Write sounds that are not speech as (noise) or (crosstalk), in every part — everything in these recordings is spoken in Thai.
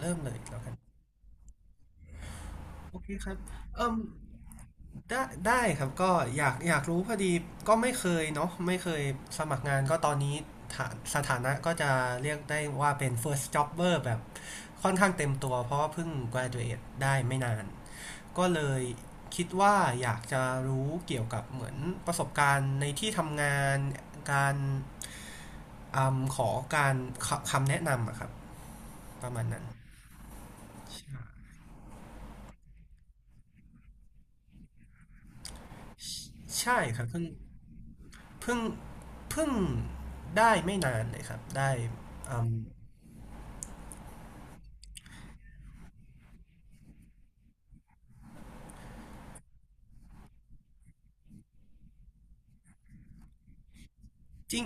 เริ่มเลยแล้วกันโอเคครับเอิ่มได้ครับก็อยากรู้พอดีก็ไม่เคยเนาะไม่เคยสมัครงานก็ตอนนี้ฐานสถานะก็จะเรียกได้ว่าเป็น first jobber แบบค่อนข้างเต็มตัวเพราะว่าเพิ่ง graduate ได้ไม่นานก็เลยคิดว่าอยากจะรู้เกี่ยวกับเหมือนประสบการณ์ในที่ทำงานการอมขอการคำแนะนำอะครับประมาณนั้นใช่ใช่ครับเพิ่งเพิ่งได้ไม่นานเลยครับได้อืมจริง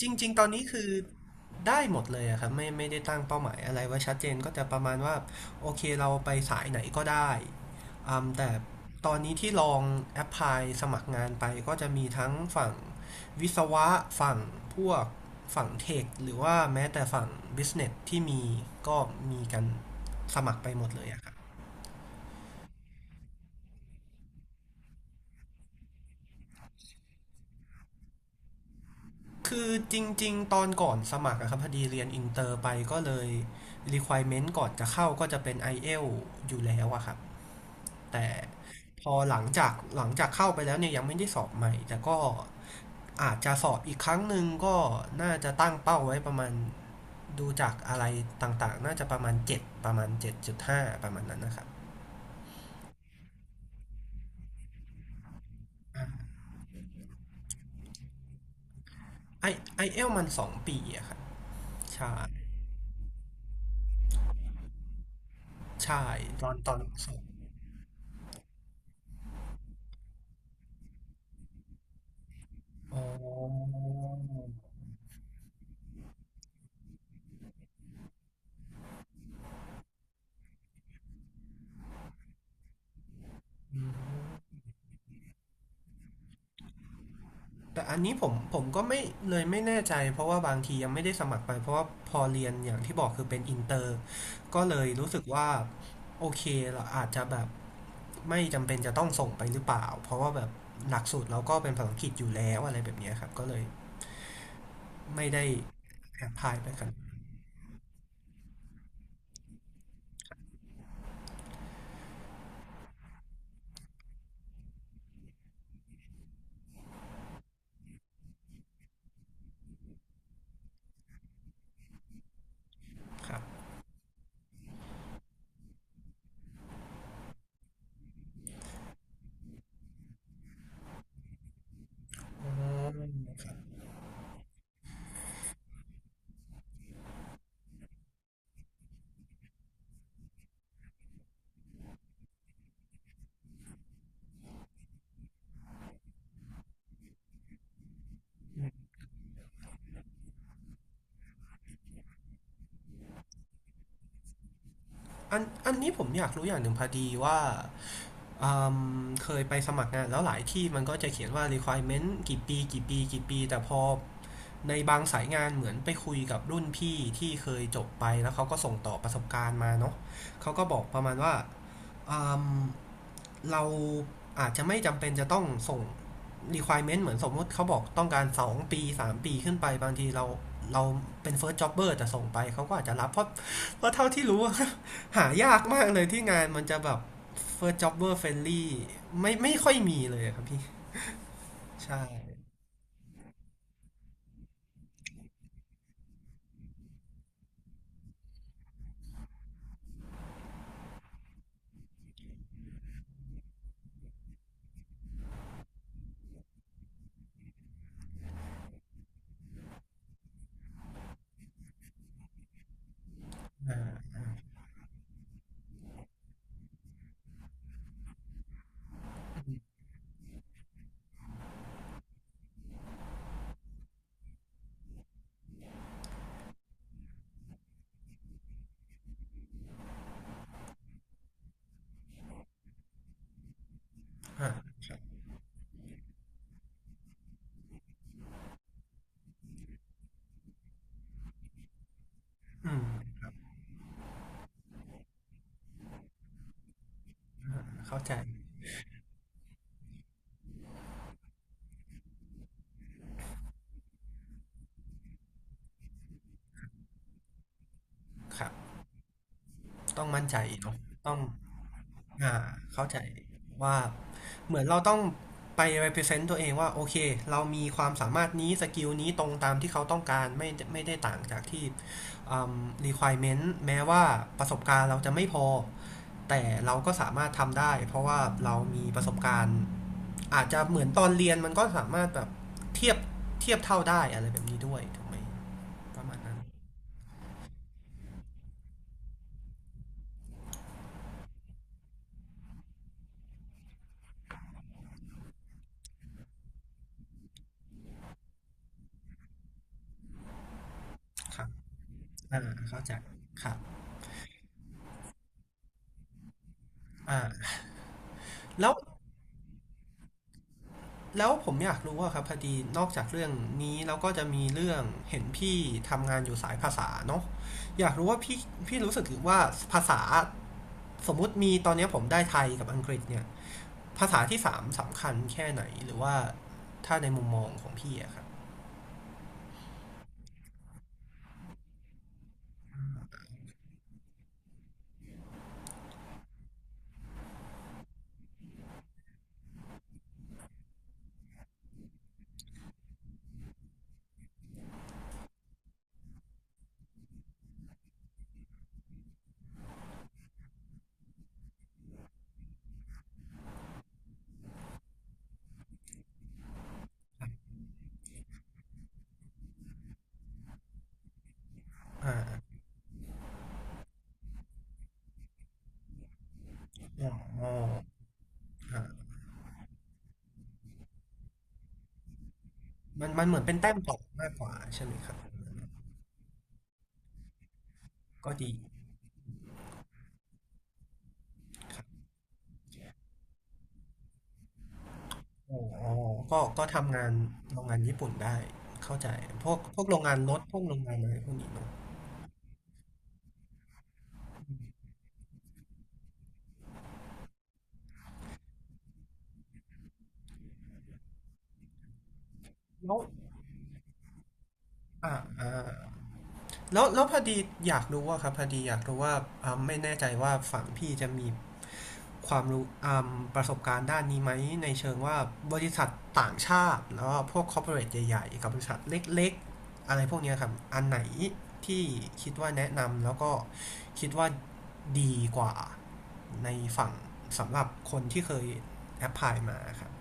จริงจริงๆตอนนี้คือได้หมดเลยอะครับไม่ได้ตั้งเป้าหมายอะไรไว้ชัดเจนก็จะประมาณว่าโอเคเราไปสายไหนก็ได้อืมแต่ตอนนี้ที่ลองแอพพลายสมัครงานไปก็จะมีทั้งฝั่งวิศวะฝั่งพวกฝั่งเทคหรือว่าแม้แต่ฝั่งบิสเนสที่มีก็มีกันสมัครไปหมดเลยอะครับ คือจริงๆตอนก่อนสมัครอะครับพอดีเรียนอินเตอร์ไปก็เลย requirement ก่อนจะเข้าก็จะเป็น i อ l อลอยู่แล้วอะครับแต่พอหลังจากเข้าไปแล้วเนี่ยยังไม่ได้สอบใหม่แต่ก็อาจจะสอบอีกครั้งหนึ่งก็น่าจะตั้งเป้าไว้ประมาณดูจากอะไรต่างๆน่าจะประมาณ7ประมาณ7.5ประมาณนั้นนะครับอ่าไอไอเอลมัน2ปีอะครับใช่ใช่ตอนสอบอ๋ออืม แต่อันนี้ผมก็ไม่เลยไม่แน่ใจเพราะว่าบางทียังไม่ได้สมัครไปเพราะว่าพอเรียนอย่างที่บอกคือเป็นอินเตอร์ก็เลยรู้สึกว่าโอเคเราอาจจะแบบไม่จำเป็นจะต้องส่งไปหรือเปล่าเพราะว่าแบบหลักสูตรเราก็เป็นภาษาอังกฤษอยู่แล้วอะไรแบบเนี้ยครับก็เลยไม่ได้แอพพลายไปกันครับอืมอันนี้ผมอยากรู้อย่างหนึ่งพอดีว่าอืมเคยไปสมัครงานแล้วหลายที่มันก็จะเขียนว่า requirement กี่ปีแต่พอ ในบางสายงานเหมือนไปคุยกับรุ่นพี่ที่เคยจบไปแล้วเขาก็ส่งต่อประสบการณ์มาเนาะเขาก็บอกประมาณว่าอมเราอาจจะไม่จำเป็นจะต้องส่ง requirement เหมือนสมมติเขาบอกต้องการ2ปี3ปีขึ้นไปบางทีเราเป็น first jobber แต่ส่งไปเขาก็อาจจะรับเพราะเท่าที่รู้ (laughs) หายากมากเลยที่งานมันจะแบบ first jobber friendly ไม่ค่อยมีเลยครับพี่ใช่อ่าครับอืมเข้าใจครับ ต้องมั่นใจเนาะต้องอ่าเข้าใจว่าเหมือนเราต้องไป represent ตัวเองว่าโอเคเรามีความสามารถนี้สกิลนี้ตรงตามที่เขาต้องการไม่ได้ต่างจากที่อืม requirement แม้ว่าประสบการณ์เราจะไม่พอแต่เราก็สามารถทำได้เพราะว่าเรามีประสบการณ์อาจจะเหมือนตอนเรียนมันก็สามารถแบบเทียบเทียบเท่าได้อะไรแบบนี้ด้วยถูกไหมประมาณนั้นครับอ่าเข้าใจครับอ่าแล้ว แล้วผมอยากรู้ว่าครับพอดีนอกจากเรื่องนี้เราก็จะมีเรื่องเห็นพี่ทำงานอยู่สายภาษาเนาะอยากรู้ว่าพี่รู้สึกว่าภาษาสมมุติมีตอนนี้ผมได้ไทยกับอังกฤษเนี่ยภาษาที่สามสำคัญแค่ไหนหรือว่าถ้าในมุมมองของพี่อะครับอ่าอ๋ออ่ามันเหมือนเป็นแต้มต่อมากกว่าใช่ไหมครับก็ดีครับอ๋อก็ทำงานโรงงานญี่ปุ่นได้เข้าใจพวกโรงงานรถพวกโรงงานอะไรพวกนี้เนาะ แล้วอ่าอ่าแล้ว แล้วพอดีอยากรู้ว่าครับพอดีอยากรู้ว่าอ่าไม่แน่ใจว่าฝั่งพี่จะมีความรู้อ่าประสบการณ์ด้านนี้ไหมในเชิงว่าบริษัทต่างชาติแล้วก็พวกคอร์ปอเรทใหญ่ๆกับบริษัทเล็กๆ อะไรพวกเนี้ยครับ อันไหนที่คิดว่าแนะนำแล้วก็คิดว่าดีกว่าในฝั่งสำหรับคนที่เคยแอพพลายมาครับ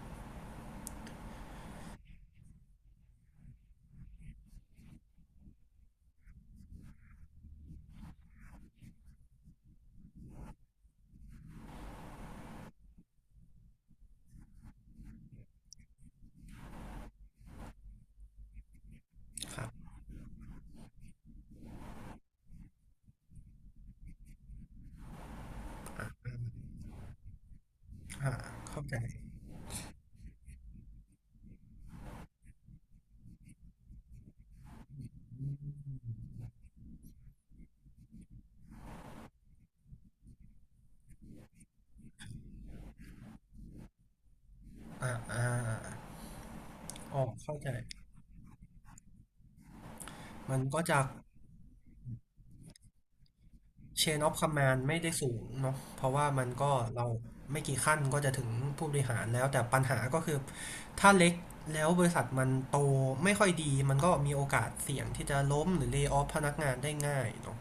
ครับอ่าเข้าใจอ่าอ่าอ๋อเข้าใจมันก็จะ เชนอฟคอมมานด์ไม่ได้สูงเนาะเพราะว่ามันก็เราไม่กี่ขั้นก็จะถึงผู้บริหารแล้วแต่ปัญหาก็คือถ้าเล็กแล้วบริษัทมันโตไม่ค่อยดีมันก็มีโอกาสเสี่ยงที่จะล้มหรือเล y o อ f พนักงานได้ง่ายเนาะ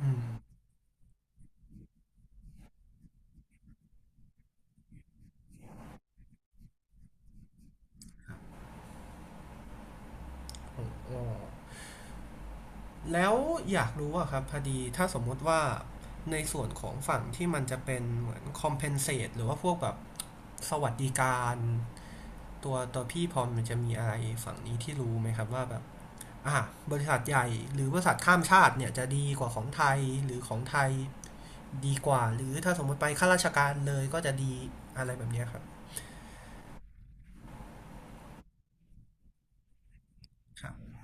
อืมโอ้แล้วอยากรู้อะครับพอดีถ้าสมมุติว่าในส่วนของฝั่งที่มันจะเป็นเหมือน compensate หรือว่าพวกแบบสวัสดิการตัวพี่พรมันจะมีอะไรฝั่งนี้ที่รู้ไหมครับว่าแบบ บริษัทใหญ่หรือบริษัทข้ามชาติเนี่ยจะดีกว่าของไทยหรือของไทยดีกว่าหรือถ้าสมมติไปข้าราชการเลยก็จะดีอะไรแบบเนี้ยครับครับ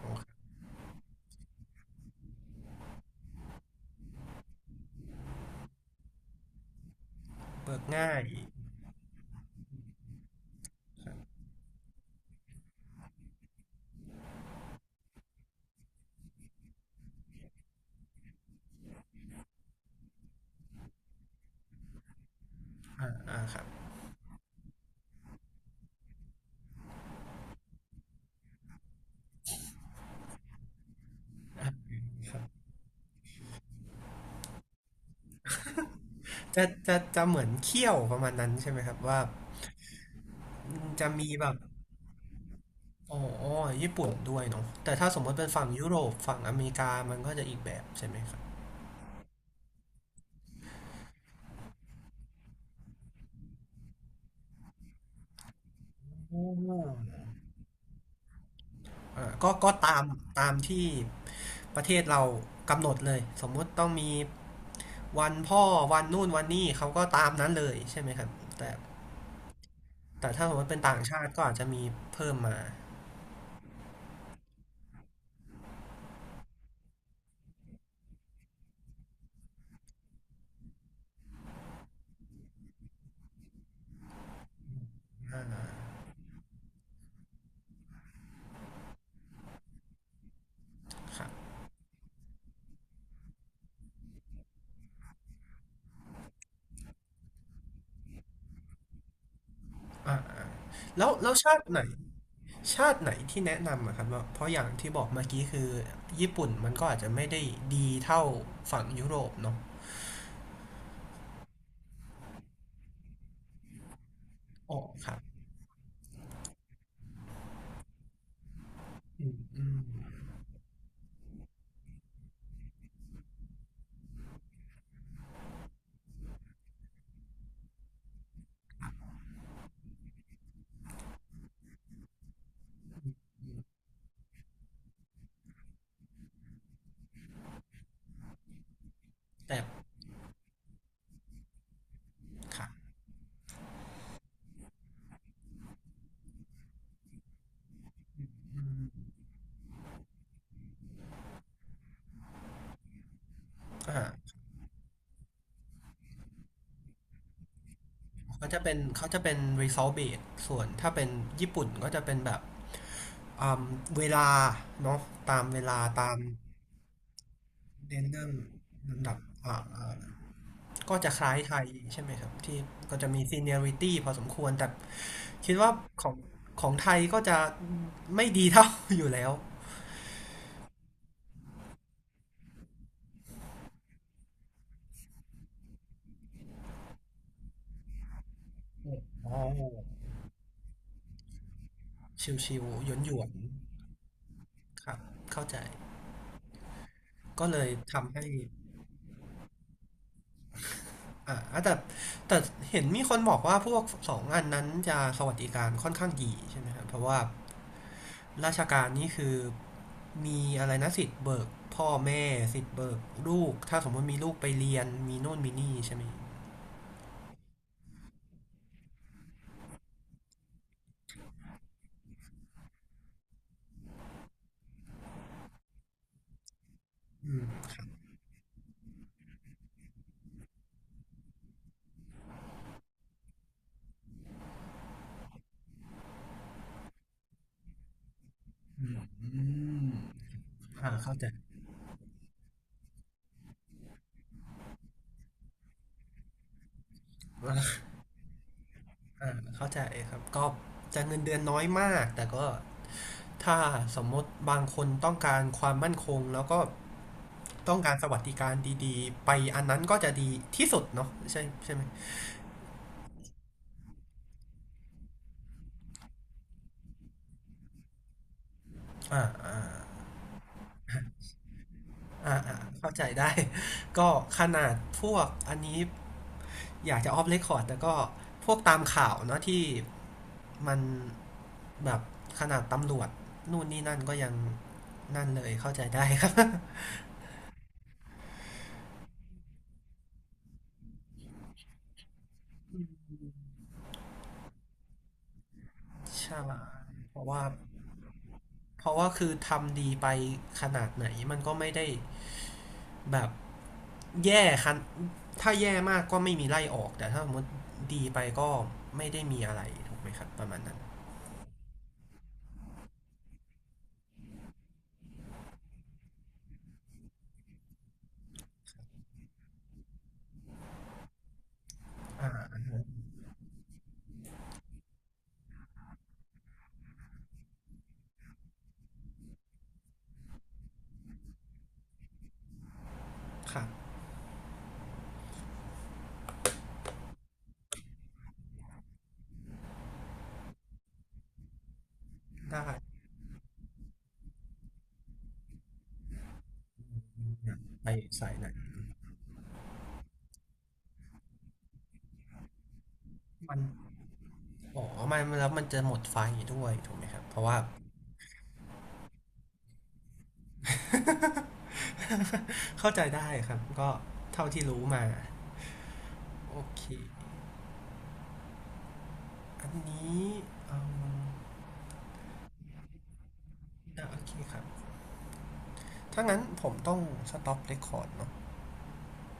โอเคเบิกง่ายอ่าอ่าครับครับจะเหมือนเคี่ยวประมาณนั้นใช่ไหมครับว่าจะมีแบบอ๋อญี่ปุ่นด้วยเนาะแต่ถ้าสมมติเป็นฝั่งยุโรปฝั่งอเมริกามันก็จะอีกแบบใช่ไหมครับอ๋ออ่าก็ก็ตามตามที่ประเทศเรากำหนดเลยสมมติต้องมี วันพ่อวันนู่นวันนี่เขาก็ตามนั้นเลยใช่ไหมครับแต่แต่ถ้าสมมติเป็นต่างชาติก็อาจจะมีเพิ่มมาครับอ่าอ่าแล้วชาติไหนชาติไหนที่แนะนำอะครับว่าเพราะอย่างที่บอกเมื่อกี้คือญี่ปุ่นมันก็อาจจะไม่ได้ดีเท่าฝั่งยุโรปเนาะอ๋อครับอืมอืมแต่ครับอ่าเขาจะเป็นเขาจะเป็น result based ส่วนถ้าเป็นญี่ปุ่นก็จะเป็นแบบอ่าเวลาเนาะตามเวลาตาม เนนเดอรดับอ่าอ่าก็จะคล้ายไทยใช่ไหมครับที่ก็จะมี seniority พอสมควรแต่คิดว่าของของไทยก็จะไม่ดีเท่า (laughs) อยู่แล้วอ๋อชิวๆหยวนหยวนครับเข้าใจก็เลยทำให้อ่าแต่แต่เห็นมีคนบอกว่าพวกสองอันนั้นจะสวัสดิการค่อนข้างดีใช่ไหมครับเพราะว่า ราชการนี่คือมีอะไรนะสิทธิ์เบิกพ่อแม่สิทธิ์เบิกลูกถ้าสมมติมีลูกไปเรียนมีโน่นมีนี่ใช่ไหมอืมครับอ่าเข้าใจอ่าอ่าเข้าใจครับก็จะเงินเดือนน้อยมากแต่ก็ถ้าสมมติบางคนต้องการความมั่นคงแล้วก็ต้องการสวัสดิการดีๆไปอันนั้นก็จะดีที่สุดเนาะใช่ใช่ไหมอ่าอ่าอ่าอ่าเข้าใจได้ (laughs) ก็ขนาดพวกอันนี้ อยากจะออฟเรคคอร์ดแต่ก็พวกตามข่าวเนาะที่มันแบบขนาดตำรวจนู่นนี่นั่นก็ยังนั่นเลยเข้าใจได้ครับ (laughs) ใช่เพราะว่าเพราะว่าคือทำดีไปขนาดไหนมันก็ไม่ได้แบบแย่คันถ้าแย่มากก็ไม่มีไล่ออกแต่ถ้าสมมติดีไปก็ไม่ได้มีอะไรถูกไหมครับประมาณนั้นครับได้ไปสายไหนมันอ๋อมันแล้วมันจะหมดไฟด้วยถูกไหมครับเพราะว่า (laughs) เข้าใจได้ครับก็เท่าที่รู้มาโอเคอันนี้เอาอ่ะโอเคครับถ้างั้นผมต้องสต็อปเรคคอร์ดเนาะ